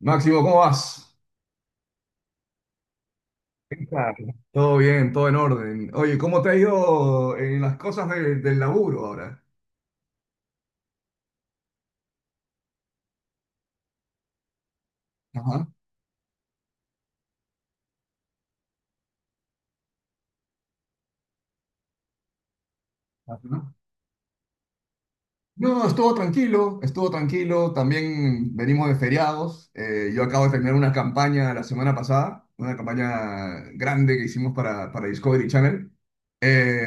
Máximo, ¿cómo vas? ¿Qué tal? Todo bien, todo en orden. Oye, ¿cómo te ha ido en las cosas del laburo ahora? Ajá. ¿No? No, estuvo tranquilo, estuvo tranquilo. También venimos de feriados. Yo acabo de terminar una campaña la semana pasada, una campaña grande que hicimos para Discovery Channel. Eh,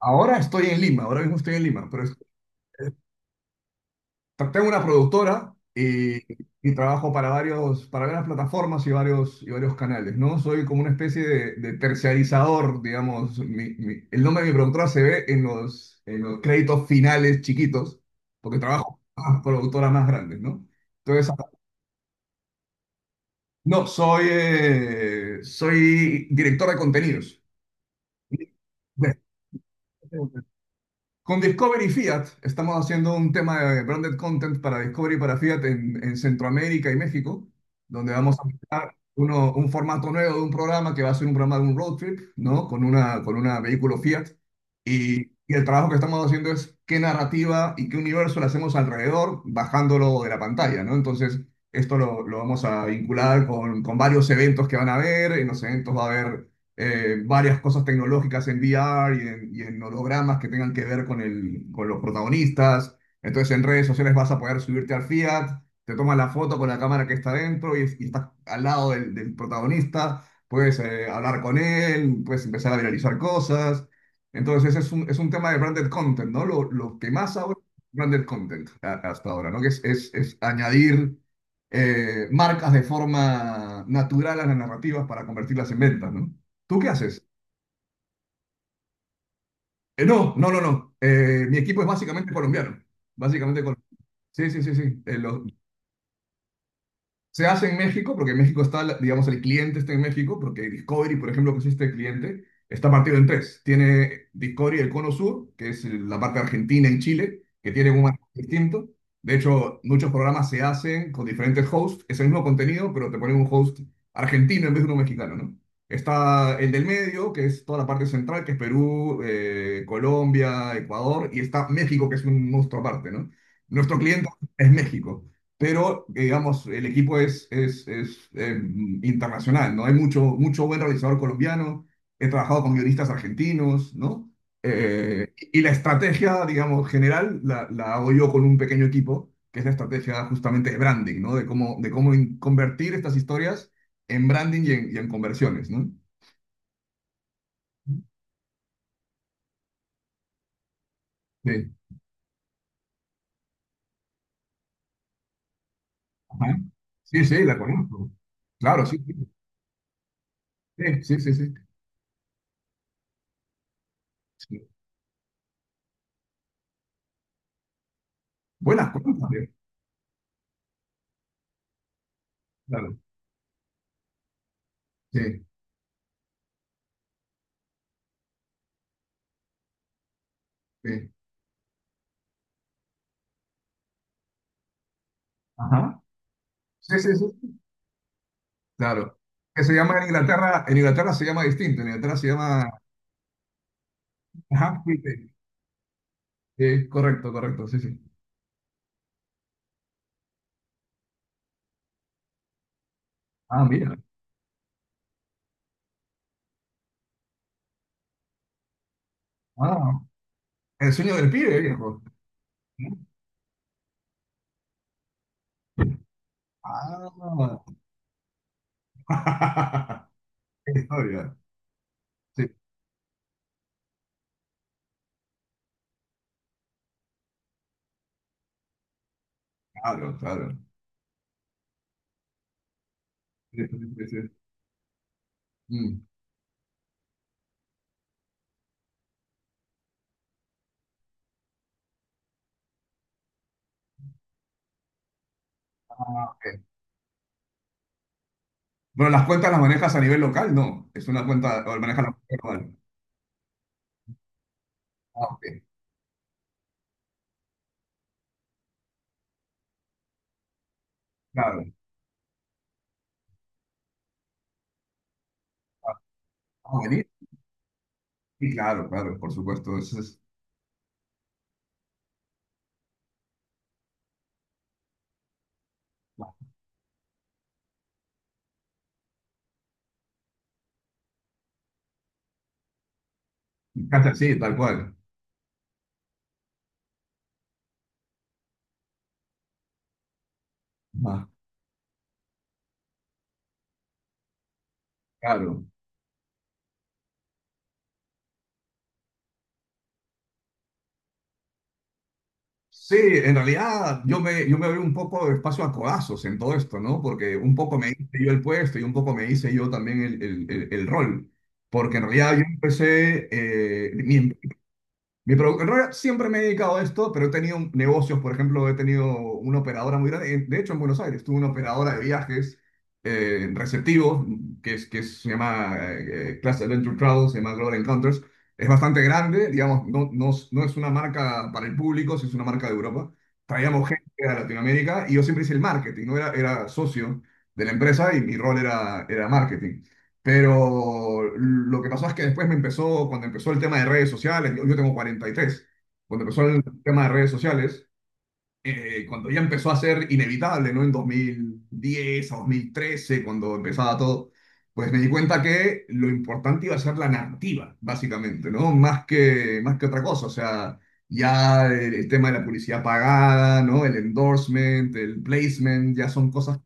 ahora estoy en Lima, ahora mismo estoy en Lima, pero tengo una productora y trabajo para varios, para varias plataformas y varios canales, ¿no? Soy como una especie de terciarizador, digamos. El nombre de mi productora se ve en los créditos finales chiquitos, porque trabajo con las productoras más grandes, ¿no? Entonces, no, soy, soy director de contenidos. Con Discovery Fiat estamos haciendo un tema de branded content para Discovery y para Fiat en Centroamérica y México, donde vamos a mezclar un formato nuevo de un programa que va a ser un programa de un road trip, ¿no? Con una vehículo Fiat. Y, y el trabajo que estamos haciendo es qué narrativa y qué universo le hacemos alrededor, bajándolo de la pantalla, ¿no? Entonces, esto lo vamos a vincular con varios eventos que van a haber. En los eventos va a haber varias cosas tecnológicas en VR y en hologramas que tengan que ver con con los protagonistas. Entonces, en redes sociales vas a poder subirte al Fiat, te tomas la foto con la cámara que está dentro y estás al lado del, del protagonista, puedes hablar con él, puedes empezar a viralizar cosas. Entonces es un tema de branded content, ¿no? Lo que más ahora es branded content hasta ahora, ¿no? Que es añadir marcas de forma natural a las narrativas para convertirlas en ventas, ¿no? ¿Tú qué haces? No, no, no, no. Mi equipo es básicamente colombiano. Básicamente colombiano. Sí, sí, sí, sí. Se hace en México porque en México está, digamos, el cliente está en México porque Discovery, por ejemplo, que es este cliente, está partido en tres. Tiene Discovery el Cono Sur, que es la parte argentina y Chile, que tienen un marco distinto. De hecho, muchos programas se hacen con diferentes hosts, es el mismo contenido, pero te ponen un host argentino en vez de uno mexicano, ¿no? Está el del medio, que es toda la parte central, que es Perú, Colombia, Ecuador, y está México, que es un monstruo aparte, ¿no? Nuestro cliente es México, pero digamos, el equipo es internacional, ¿no? Hay mucho, mucho buen realizador colombiano, he trabajado con guionistas argentinos, ¿no? Y la estrategia, digamos, general la hago yo con un pequeño equipo, que es la estrategia justamente de branding, ¿no? De cómo convertir estas historias en branding y en conversiones, ¿no? Sí. Ajá. Sí, sí, la conozco. Claro, sí, sí, sí, sí, sí. Sí. Sí. Buenas, cuéntame. Claro, sí, sí. Ajá. Sí, sí, sí. Claro. Que se llama en Inglaterra se llama distinto, en Inglaterra se llama Humpty Day. Sí, correcto, correcto, sí, sí. Ah, mira. Ah, el sueño del pibe, viejo. Ah. Qué historia. Sí, claro, claro. Sí, sí, sí, sí. Mm. Ah, ok. Pero las cuentas las manejas a nivel local, no. Es una cuenta, o manejas la cuenta global. Ah, ok. Claro. Ah, buenísimo. Sí, claro, claro, por supuesto. Eso es casi así, tal cual. Ah, claro. Sí, en realidad yo me abrí un poco de espacio a codazos en todo esto, ¿no? Porque un poco me hice yo el puesto y un poco me hice yo también el, el rol. Porque en realidad yo empecé, en realidad siempre me he dedicado a esto, pero he tenido negocios, por ejemplo, he tenido una operadora muy grande, de hecho en Buenos Aires, tuve una operadora de viajes receptivos, se llama Class Adventure Travel, se llama Global Encounters, es bastante grande, digamos, no, no, no es una marca para el público, sí es una marca de Europa, traíamos gente a Latinoamérica y yo siempre hice el marketing, no era, era socio de la empresa y mi rol era, era marketing. Pero lo que pasó es que después me empezó, cuando empezó el tema de redes sociales, yo tengo 43. Cuando empezó el tema de redes sociales, cuando ya empezó a ser inevitable, ¿no? En 2010 a 2013, cuando empezaba todo, pues me di cuenta que lo importante iba a ser la narrativa, básicamente, ¿no? Más que otra cosa, o sea, ya el tema de la publicidad pagada, ¿no? El endorsement, el placement, ya son cosas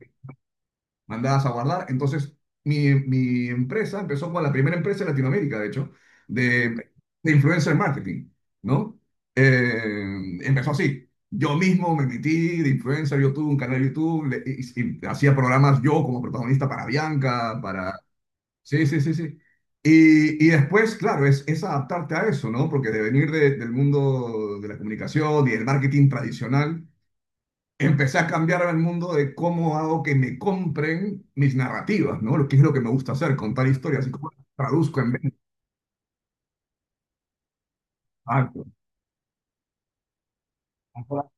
mandadas a guardar. Entonces, mi empresa empezó como la primera empresa en Latinoamérica, de hecho, de, de influencer marketing, ¿no? Empezó así. Yo mismo me metí de influencer, yo tuve un canal de YouTube y hacía programas yo como protagonista para Bianca, para... Sí, sí, sí, sí. Y después, claro, es adaptarte a eso, ¿no? Porque de venir del mundo de la comunicación y el marketing tradicional, empecé a cambiar el mundo de cómo hago que me compren mis narrativas, ¿no? Lo que es lo que me gusta hacer, contar historias y cómo las traduzco en vez. Exacto. Manual.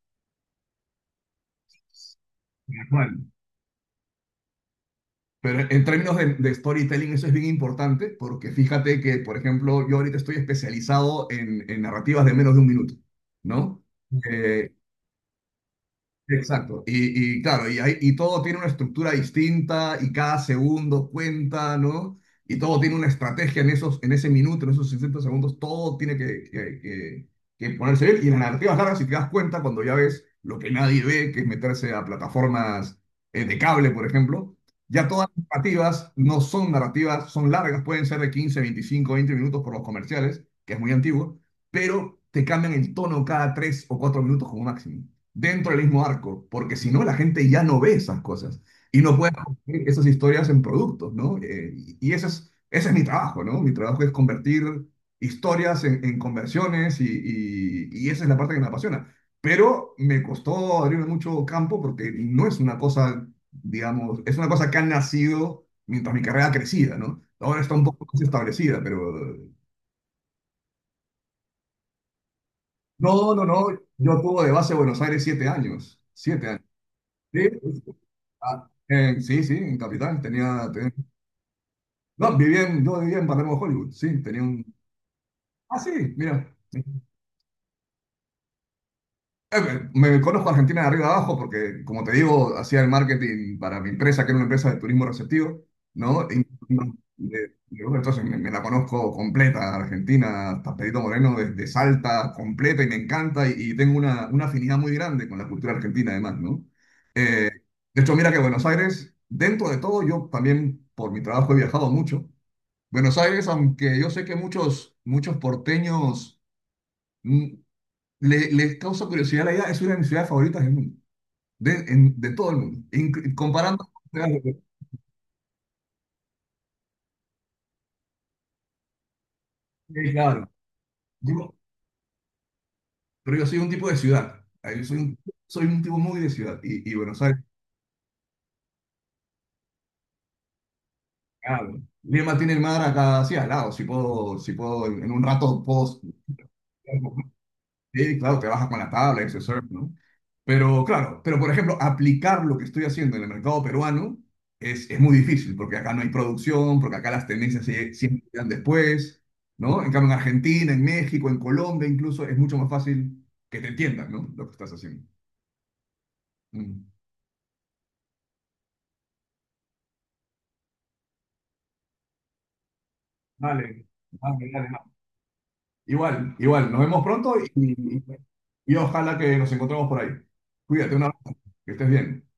Pero en términos de storytelling eso es bien importante porque fíjate que, por ejemplo, yo ahorita estoy especializado en narrativas de menos de un minuto, ¿no? Eh, exacto. Y claro, y todo tiene una estructura distinta y cada segundo cuenta, ¿no? Y todo tiene una estrategia en esos, en ese minuto, en esos 60 segundos, todo tiene que ponerse bien. Y en las narrativas largas, si te das cuenta, cuando ya ves lo que nadie ve, que es meterse a plataformas de cable, por ejemplo, ya todas las narrativas no son narrativas, son largas, pueden ser de 15 25 20 minutos por los comerciales, que es muy antiguo, pero te cambian el tono cada 3 o 4 minutos como máximo dentro del mismo arco, porque si no la gente ya no ve esas cosas y no puede convertir esas historias en productos, ¿no? Y ese es mi trabajo, ¿no? Mi trabajo es convertir historias en conversiones y esa es la parte que me apasiona. Pero me costó abrirme mucho campo porque no es una cosa, digamos, es una cosa que ha nacido mientras mi carrera ha crecido, ¿no? Ahora está un poco más establecida, pero... No, no, no, yo tuve de base Buenos Aires 7 años, 7 años. Sí, en Capital tenía, tenía... No, vivía en, yo vivía en Palermo Hollywood, sí, tenía un... Ah, sí, mira. Sí. Eh, conozco a Argentina de arriba abajo porque, como te digo, hacía el marketing para mi empresa, que era una empresa de turismo receptivo, ¿no? Entonces me la conozco completa, Argentina, hasta Perito Moreno, desde Salta, completa, y me encanta, y tengo una afinidad muy grande con la cultura argentina, además, ¿no? De hecho, mira que Buenos Aires, dentro de todo, yo también por mi trabajo he viajado mucho. Buenos Aires, aunque yo sé que muchos, muchos porteños mm, les causa curiosidad la idea, es una de mis ciudades favoritas del mundo, de todo el mundo. Comparando con ciudades de... claro, digo, pero yo soy un tipo de ciudad. Ah, yo soy un tipo muy de ciudad. Y Buenos Aires, claro. Lima tiene el mar acá así al lado. Si puedo, si puedo, en un rato puedo... Sí, claro, te baja con la tabla, ese surf, ¿no? Pero claro, pero por ejemplo, aplicar lo que estoy haciendo en el mercado peruano es muy difícil, porque acá no hay producción, porque acá las tendencias siempre llegan después, ¿no? En cambio, en Argentina, en México, en Colombia incluso, es mucho más fácil que te entiendan, ¿no? Lo que estás haciendo. Mm. Vale, vale, dale. No. Igual, igual, nos vemos pronto y ojalá que nos encontremos por ahí. Cuídate, un abrazo, que estés bien.